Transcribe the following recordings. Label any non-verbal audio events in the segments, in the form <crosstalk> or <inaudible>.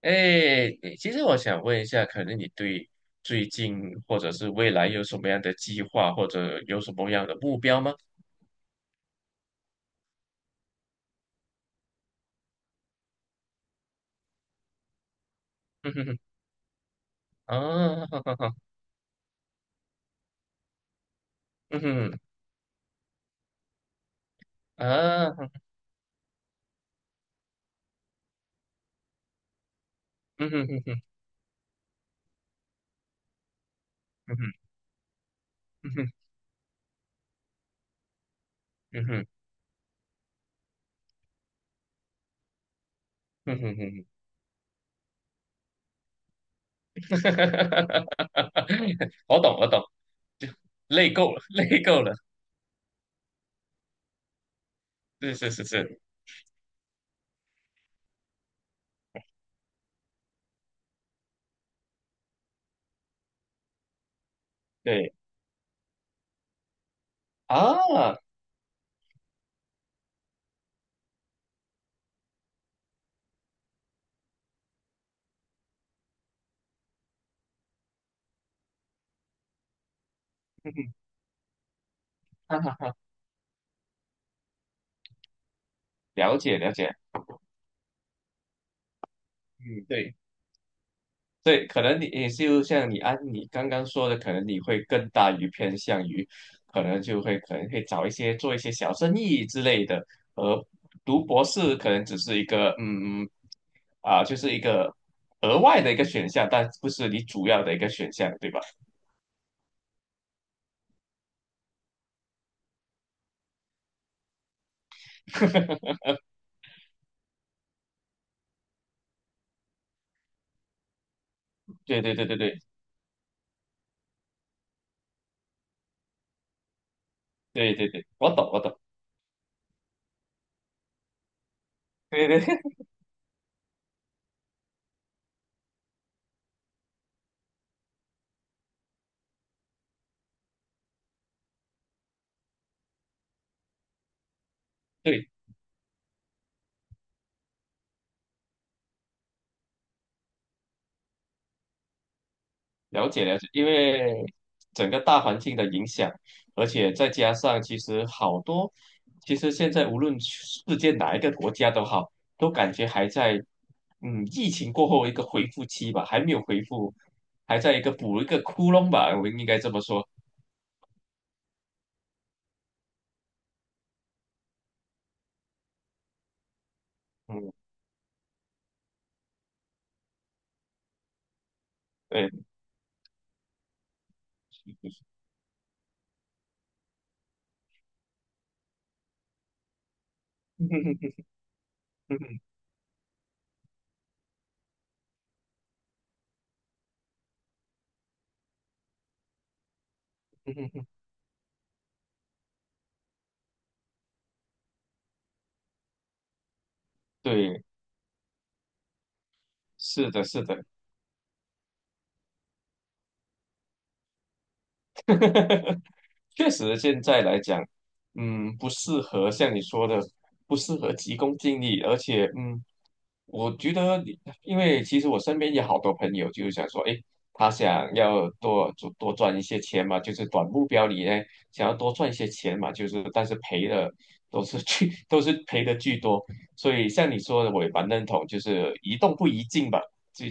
哎，其实我想问一下，可能你对最近或者是未来有什么样的计划，或者有什么样的目标吗？嗯哼哼，啊，哈哈哈，嗯哼，啊，嗯哼哼哼，嗯哼，嗯哼，嗯哼，嗯哼哼哼，<laughs> 我懂，我懂，就累够了，<laughs> 累够了，是是是是，对啊，哈哈哈，了解了解，嗯，对。对，可能你也就像你啊，你刚刚说的，可能你会更偏向于，可能会找一些做一些小生意之类的，而读博士可能只是一个就是一个额外的一个选项，但不是你主要的一个选项，对吧？对对对对对对对对，我懂我懂，对对 <laughs> 对，了解了解，因为整个大环境的影响，而且再加上其实好多，其实现在无论世界哪一个国家都好，都感觉还在疫情过后一个恢复期吧，还没有恢复，还在一个补一个窟窿吧，我们应该这么说。嗯，对，<laughs> 对，是的，是的，确实现在来讲，嗯，不适合像你说的，不适合急功近利，而且。我觉得你因为其实我身边有好多朋友，就是想说，诶，他想要多赚一些钱嘛，就是短目标里呢，想要多赚一些钱嘛，就是但是赔的都是巨，<laughs> 都是赔的巨多。所以像你说的，我也蛮认同，就是宜动不宜静吧。这，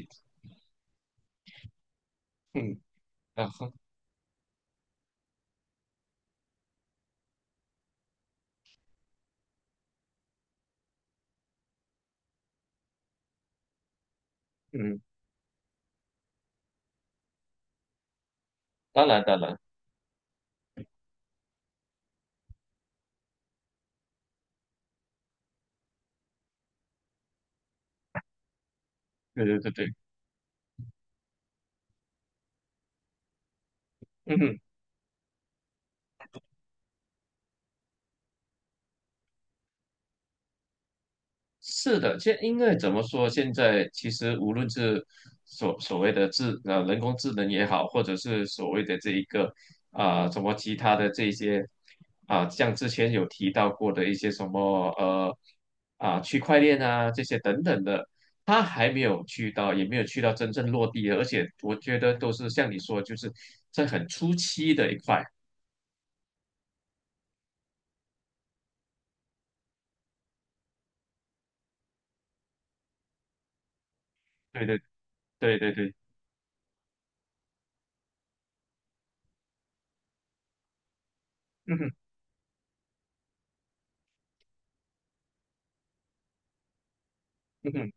嗯，然后嗯，当然当然，对对对对，嗯哼。是的，因为怎么说，现在其实无论是所谓的人工智能也好，或者是所谓的这一个啊、什么其他的这一些啊、像之前有提到过的一些什么啊、区块链啊这些等等的，它还没有去到，也没有去到真正落地的，而且我觉得都是像你说，就是在很初期的一块。对对对对对，嗯哼嗯哼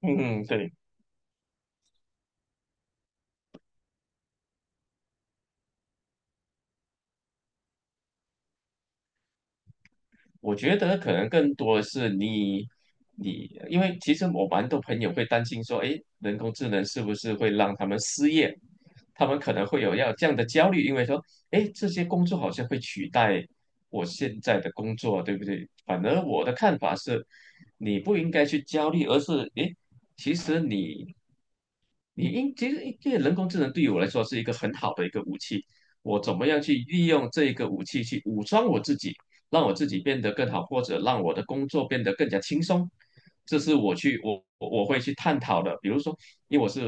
嗯哼，对。我觉得可能更多的是你，你，因为其实我蛮多朋友会担心说，诶，人工智能是不是会让他们失业？他们可能会有要这样的焦虑，因为说，诶，这些工作好像会取代我现在的工作，对不对？反而我的看法是，你不应该去焦虑，而是，诶，其实你其实因为人工智能对于我来说是一个很好的一个武器，我怎么样去利用这个武器去武装我自己，让我自己变得更好，或者让我的工作变得更加轻松，这是我会去探讨的。比如说，因为我是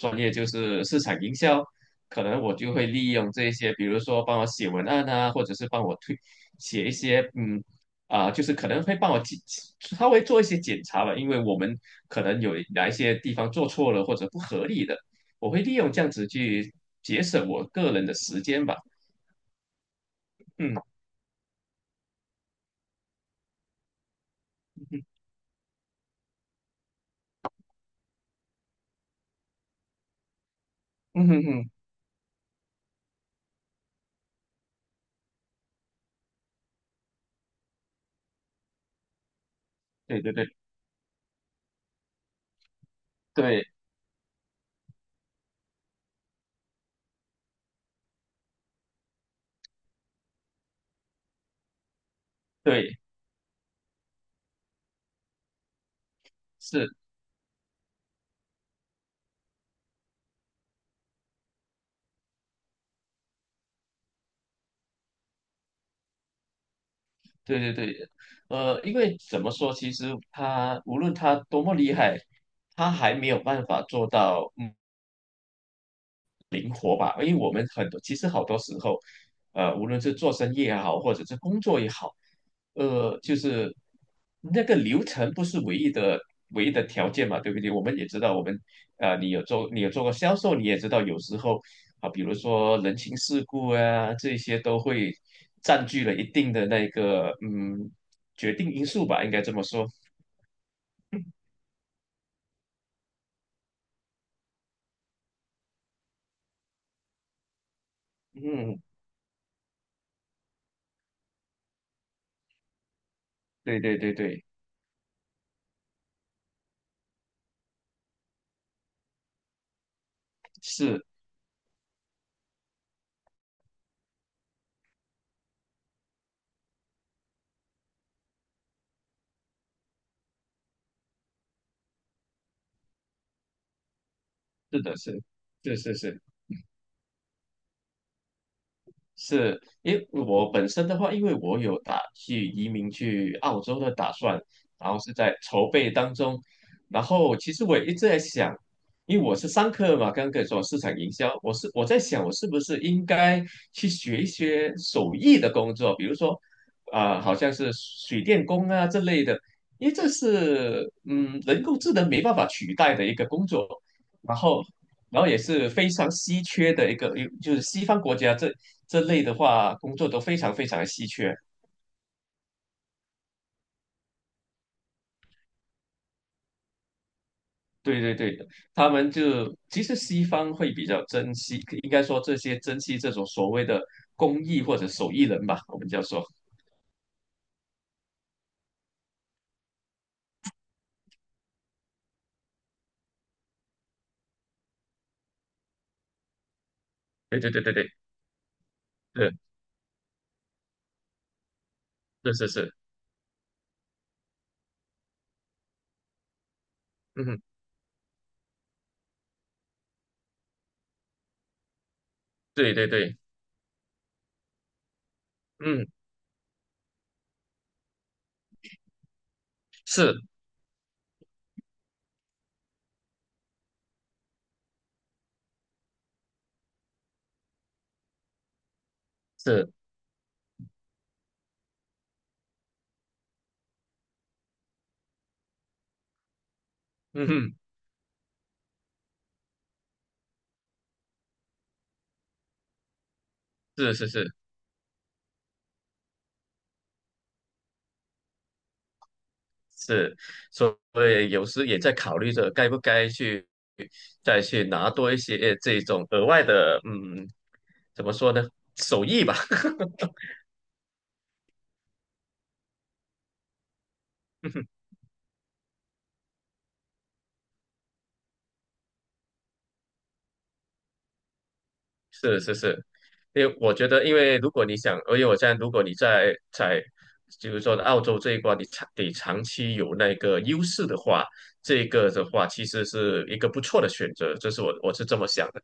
专业就是市场营销，可能我就会利用这些，比如说帮我写文案啊，或者是帮我推写一些，嗯，啊、就是可能会帮我检稍微做一些检查吧，因为我们可能有哪一些地方做错了或者不合理的，我会利用这样子去节省我个人的时间吧。嗯嗯嗯嗯嗯，对对对对对，是。对对对，因为怎么说，其实他无论他多么厉害，他还没有办法做到。嗯灵活吧，因为我们很多其实好多时候，无论是做生意也好，或者是工作也好，就是那个流程不是唯一的条件嘛，对不对？我们也知道，我们啊，你有做过销售，你也知道有时候啊，比如说人情世故啊，这些都会占据了一定的那个决定因素吧，应该这么说。嗯，对对对对，是是的是，是是是。是，因为我本身的话，因为我有打去移民去澳洲的打算，然后是在筹备当中。然后其实我也一直在想，因为我是商科嘛，刚刚跟你说市场营销，我在想，我是不是应该去学一些手艺的工作，比如说啊、好像是水电工啊这类的，因为这是人工智能没办法取代的一个工作。然后也是非常稀缺的一个，就是西方国家这类的话，工作都非常非常的稀缺。对对对，他们就其实西方会比较珍惜，应该说这些珍惜这种所谓的工艺或者手艺人吧，我们叫做。说。对对对对对，是是是是，嗯哼，对对对，嗯，是是，嗯哼，是是是。是，所以有时也在考虑着该不该去再去拿多一些这种额外的，嗯，怎么说呢，手艺吧。<laughs> 是是是，因为我觉得，因为如果你想，因为我现在如果你在，比如说澳洲这一关，你长期有那个优势的话，这个的话其实是一个不错的选择，这是我是这么想的。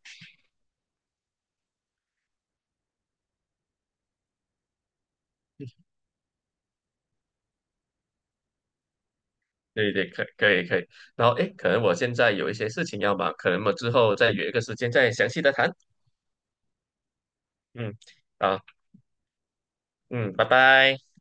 对对，可以可以。然后哎诶，可能我现在有一些事情要忙，可能我之后再约一个时间再详细的谈。嗯，好，嗯，拜拜。